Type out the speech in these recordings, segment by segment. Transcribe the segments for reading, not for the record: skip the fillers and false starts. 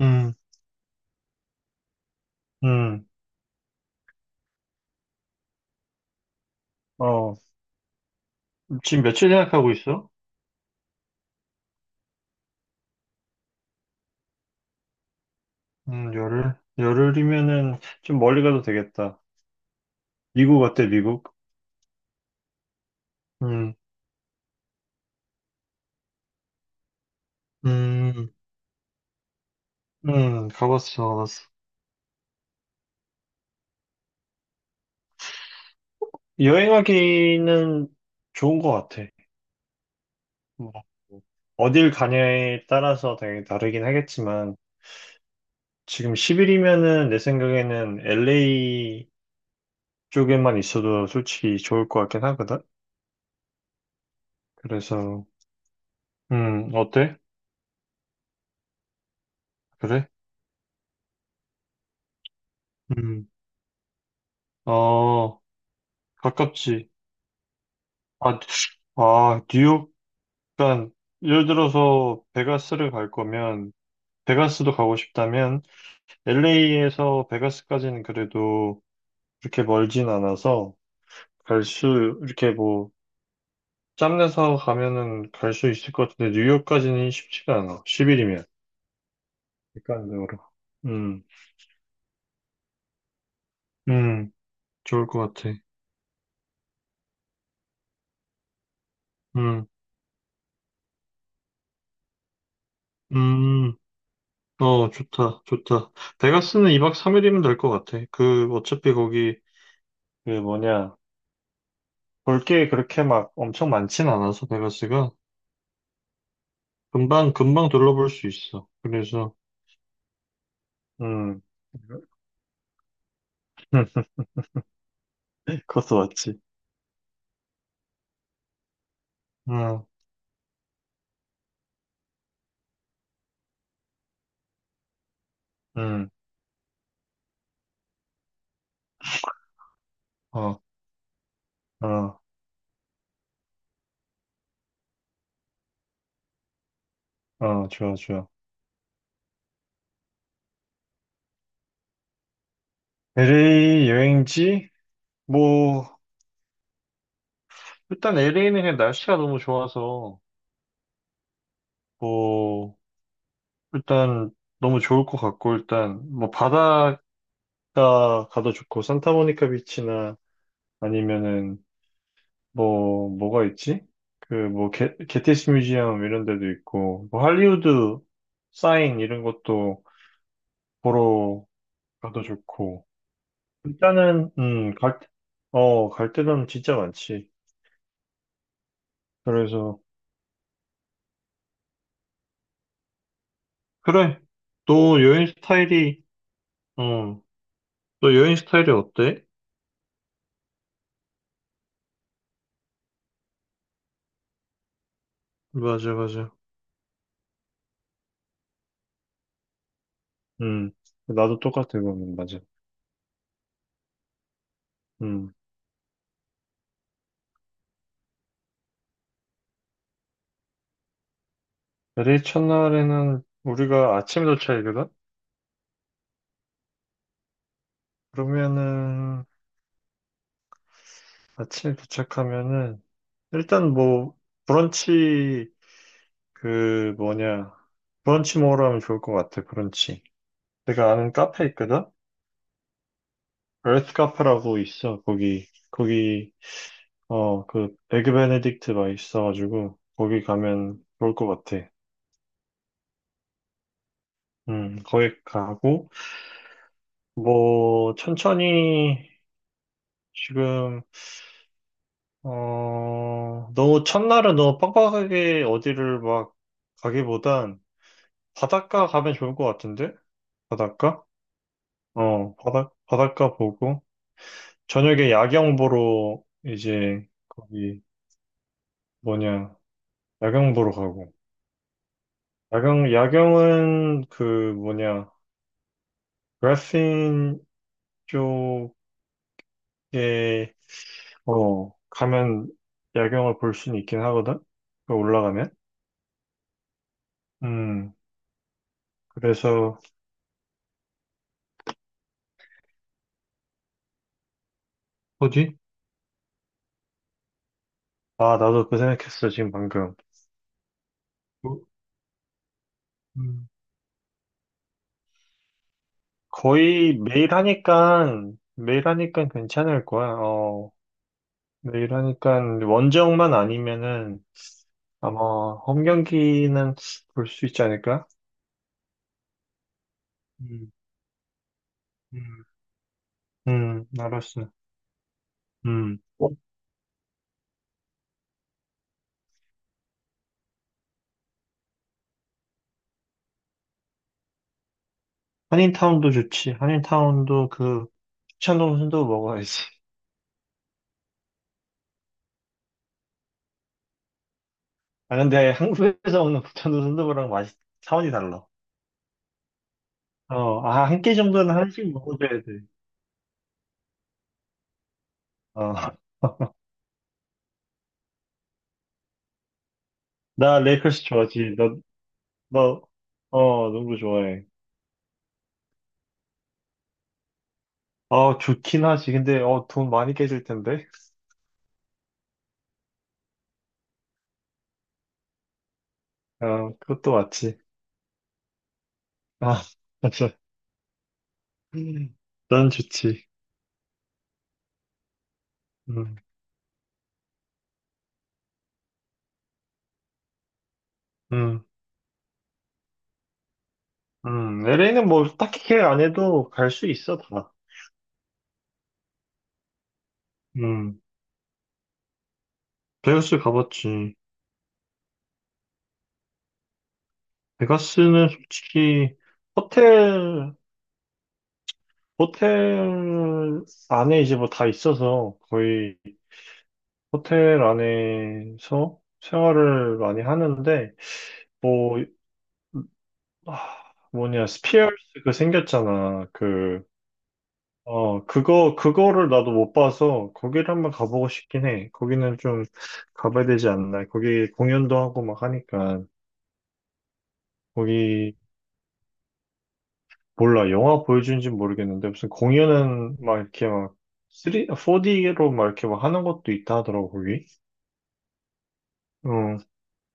음, 음, 어, 지금 며칠 생각하고 있어? 열흘? 열흘이면은 좀 멀리 가도 되겠다. 미국 어때, 미국? 음, 음, 가봤어, 가봤어. 여행하기는 좋은 것 같아. 뭐, 어딜 가냐에 따라서 되게 다르긴 하겠지만, 지금 10일이면은 내 생각에는 LA 쪽에만 있어도 솔직히 좋을 것 같긴 하거든? 그래서, 어때? 그래? 음, 어, 가깝지. 아, 아, 뉴욕, 그러니까 예를 들어서 베가스를 갈 거면 베가스도 가고 싶다면 LA에서 베가스까지는 그래도 그렇게 멀진 않아서 갈 수, 이렇게 뭐 짬내서 가면은 갈 수 있을 것 같은데 뉴욕까지는 쉽지가 않아. 10일이면. 객관적으로. 음, 음, 좋을 것 같아. 음, 음, 어, 좋다, 좋다. 베가스는 2박 3일이면 될 것 같아. 그, 어차피 거기, 그 뭐냐. 볼 게 그렇게 막 엄청 많진 않아서 베가스가 금방 금방 둘러볼 수 있어. 그래서 음, 음, 그것도 맞지. 음, 음, 어, 어, 어, 좋아, 좋아. LA 여행지? 뭐 일단 LA는 그냥 날씨가 너무 좋아서 뭐 일단 너무 좋을 것 같고 일단 뭐 바다가 가도 좋고 산타모니카 비치나 아니면은 뭐, 뭐가 있지? 그, 뭐, 게, 게티스 뮤지엄 이런 데도 있고, 뭐, 할리우드 사인 이런 것도 보러 가도 좋고, 일단은, 어, 갈 데는 진짜 많지. 그래서, 그래. 또 여행 스타일이, 어, 또 여행 스타일이 어때? 맞아, 맞아. 음, 나도 똑같아, 그거는, 맞아. 음, 대리 첫날에는 우리가 아침 도착이거든? 그러면은, 아침에 도착하면은 일단 뭐 브런치 그 뭐냐 브런치 먹으러 하면 좋을 것 같아 브런치. 내가 아는 카페 있거든. 에arth 카페라고 있어. 거기 거기 어 그 에그 베네딕트 맛있어가지고 거기 가면 좋을 것 같아. 거기 가고 뭐 천천히 지금 어 너무 첫날은 너무 빡빡하게 어디를 막 가기보단 바닷가 가면 좋을 것 같은데. 바닷가? 어, 바다, 바닷가 보고, 저녁에 야경 보러 이제 거기 뭐냐, 야경 보러 가고. 야경, 야경은 그 뭐냐, 그라핀 쪽에, 어, 가면 야경을 볼 수는 있긴 하거든? 그 올라가면? 음, 그래서, 어디? 아, 나도 그 생각했어, 지금 방금. 뭐, 음, 거의 매일 하니까, 매일 하니까 괜찮을 거야, 어. 내일 하니까 원정만 아니면은 아마 홈 경기는 볼 수 있지 않을까? 음, 음, 알았어. 어, 한인타운도 좋지. 한인타운도 그 북창동 순두부 먹어야지. 아 근데 한국에서 오는 북창동 순두부랑 맛이 차원이 달라. 어, 아, 한 끼 정도는 한식 먹어줘야 돼. 어, 나 레이커스 좋아하지. 너, 너, 어, 농구 좋아해. 어, 좋긴 하지. 근데, 어, 돈 많이 깨질 텐데. 어, 그것도 맞지. 아, 맞아. 난 좋지. 음, 음, LA는 뭐 딱히 계획 안 해도 갈 수 있어, 다. 음, 베가스 가봤지. 베가스는 솔직히 호텔, 호텔 안에 이제 뭐 다 있어서 거의 호텔 안에서 생활을 많이 하는데, 뭐, 아, 뭐냐, 스피어스 그 생겼잖아. 그 어, 그거를 나도 못 봐서 거기를 한번 가보고 싶긴 해. 거기는 좀 가봐야 되지 않나. 거기 공연도 하고 막 하니까. 거기, 몰라. 영화 보여주는지 는 모르겠는데 무슨 공연은 막 이렇게 막 3, 4D로 막 이렇게 막 하는 것도 있다 하더라고, 거기. 응,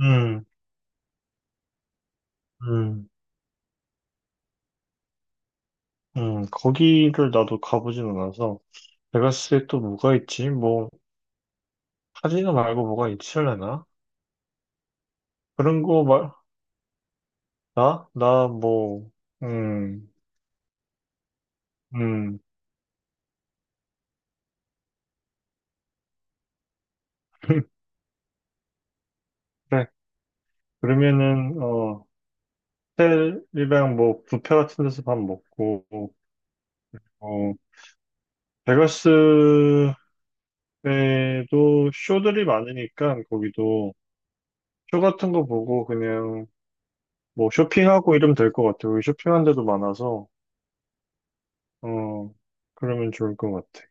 응, 응, 응. 거기를 나도 가보진 않아서. 베가스에 또 뭐가 있지? 뭐, 카지노 말고 뭐가 있을려나? 그런 거 말, 나? 나 뭐, 음, 음. 그래. 그러면은, 어, 호텔이랑 뭐, 뷔페 같은 데서 밥 먹고, 어, 베가스에도 쇼들이 많으니까, 거기도 쇼 같은 거 보고 그냥 뭐 쇼핑하고 이러면 될 것 같아. 거기 쇼핑한 데도 많아서, 어, 그러면 좋을 것 같아.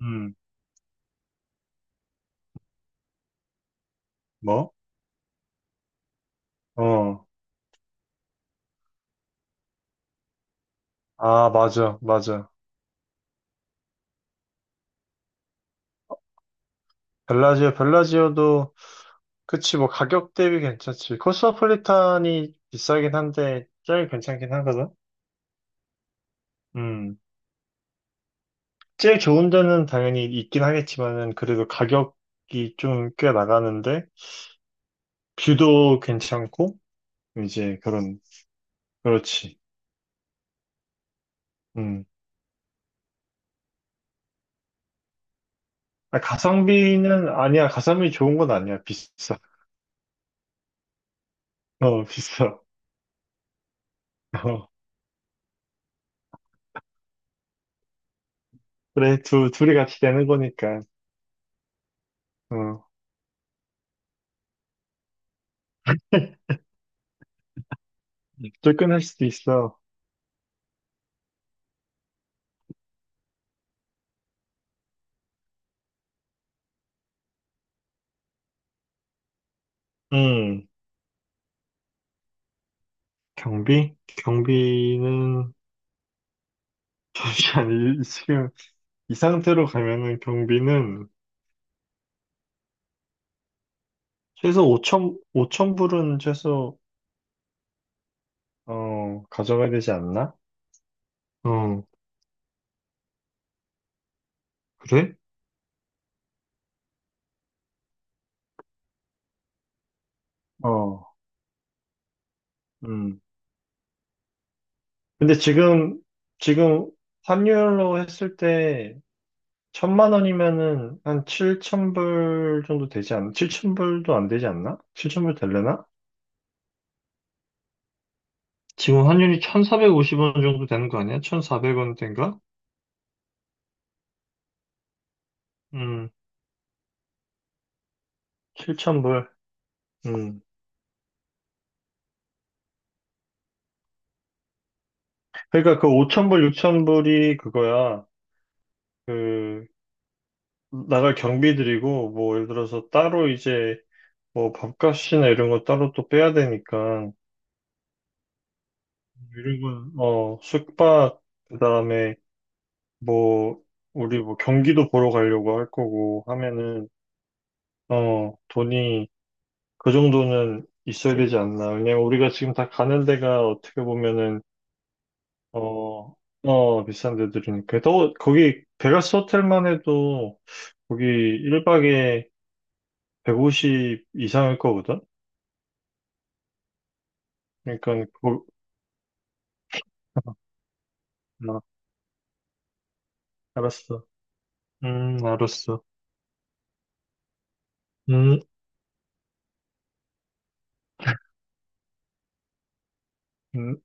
음, 뭐? 어, 아, 맞아, 맞아. 벨라지오, 벨라지오도, 그치, 뭐, 가격 대비 괜찮지. 코스모폴리탄이 비싸긴 한데, 제일 괜찮긴 하거든? 음. 제일 좋은 데는 당연히 있긴 하겠지만은 그래도 가격이 좀 꽤 나가는데 뷰도 괜찮고 이제 그런 그렇지. 음. 아, 가성비는 아니야. 가성비 좋은 건 아니야. 비싸. 어, 비싸. 어. 그래 두 둘이 같이 내는 거니까. 어. 쫓겨날 수도 있어. 음. 경비? 경비는 잠시만 이- 지금 이 상태로 가면은 경비는 최소 5천, 5천 불은 최소 어, 가져가야 되지 않나? 어, 그래? 어, 음. 근데 지금, 지금 환율로 했을 때, 천만 원이면은 한 7천 불 정도 되지 않나? 7천 불도 안 되지 않나? 7천 불 될려나? 지금 환율이 1,450원 정도 되는 거 아니야? 1,400원 된가? 음, 7천 불. 음. 그러니까 그 5천 불, 6천 불이 그거야. 그, 나갈 경비들이고, 뭐, 예를 들어서 따로 이제, 뭐 밥값이나 이런 거 따로 또 빼야 되니까 이런 건 어 숙박 그다음에 뭐 우리 뭐 경기도 보러 가려고 할 거고 하면은 어 돈이 그 정도는 있어야 되지 않나. 왜냐면 우리가 지금 다 가는 데가 어떻게 보면은 어 어 비싼 데들이니까 또 거기 베가스 호텔만 해도 거기 1박에 150 이상일 거거든. 그러니까 거, 아, 알았어 알았어 음 음.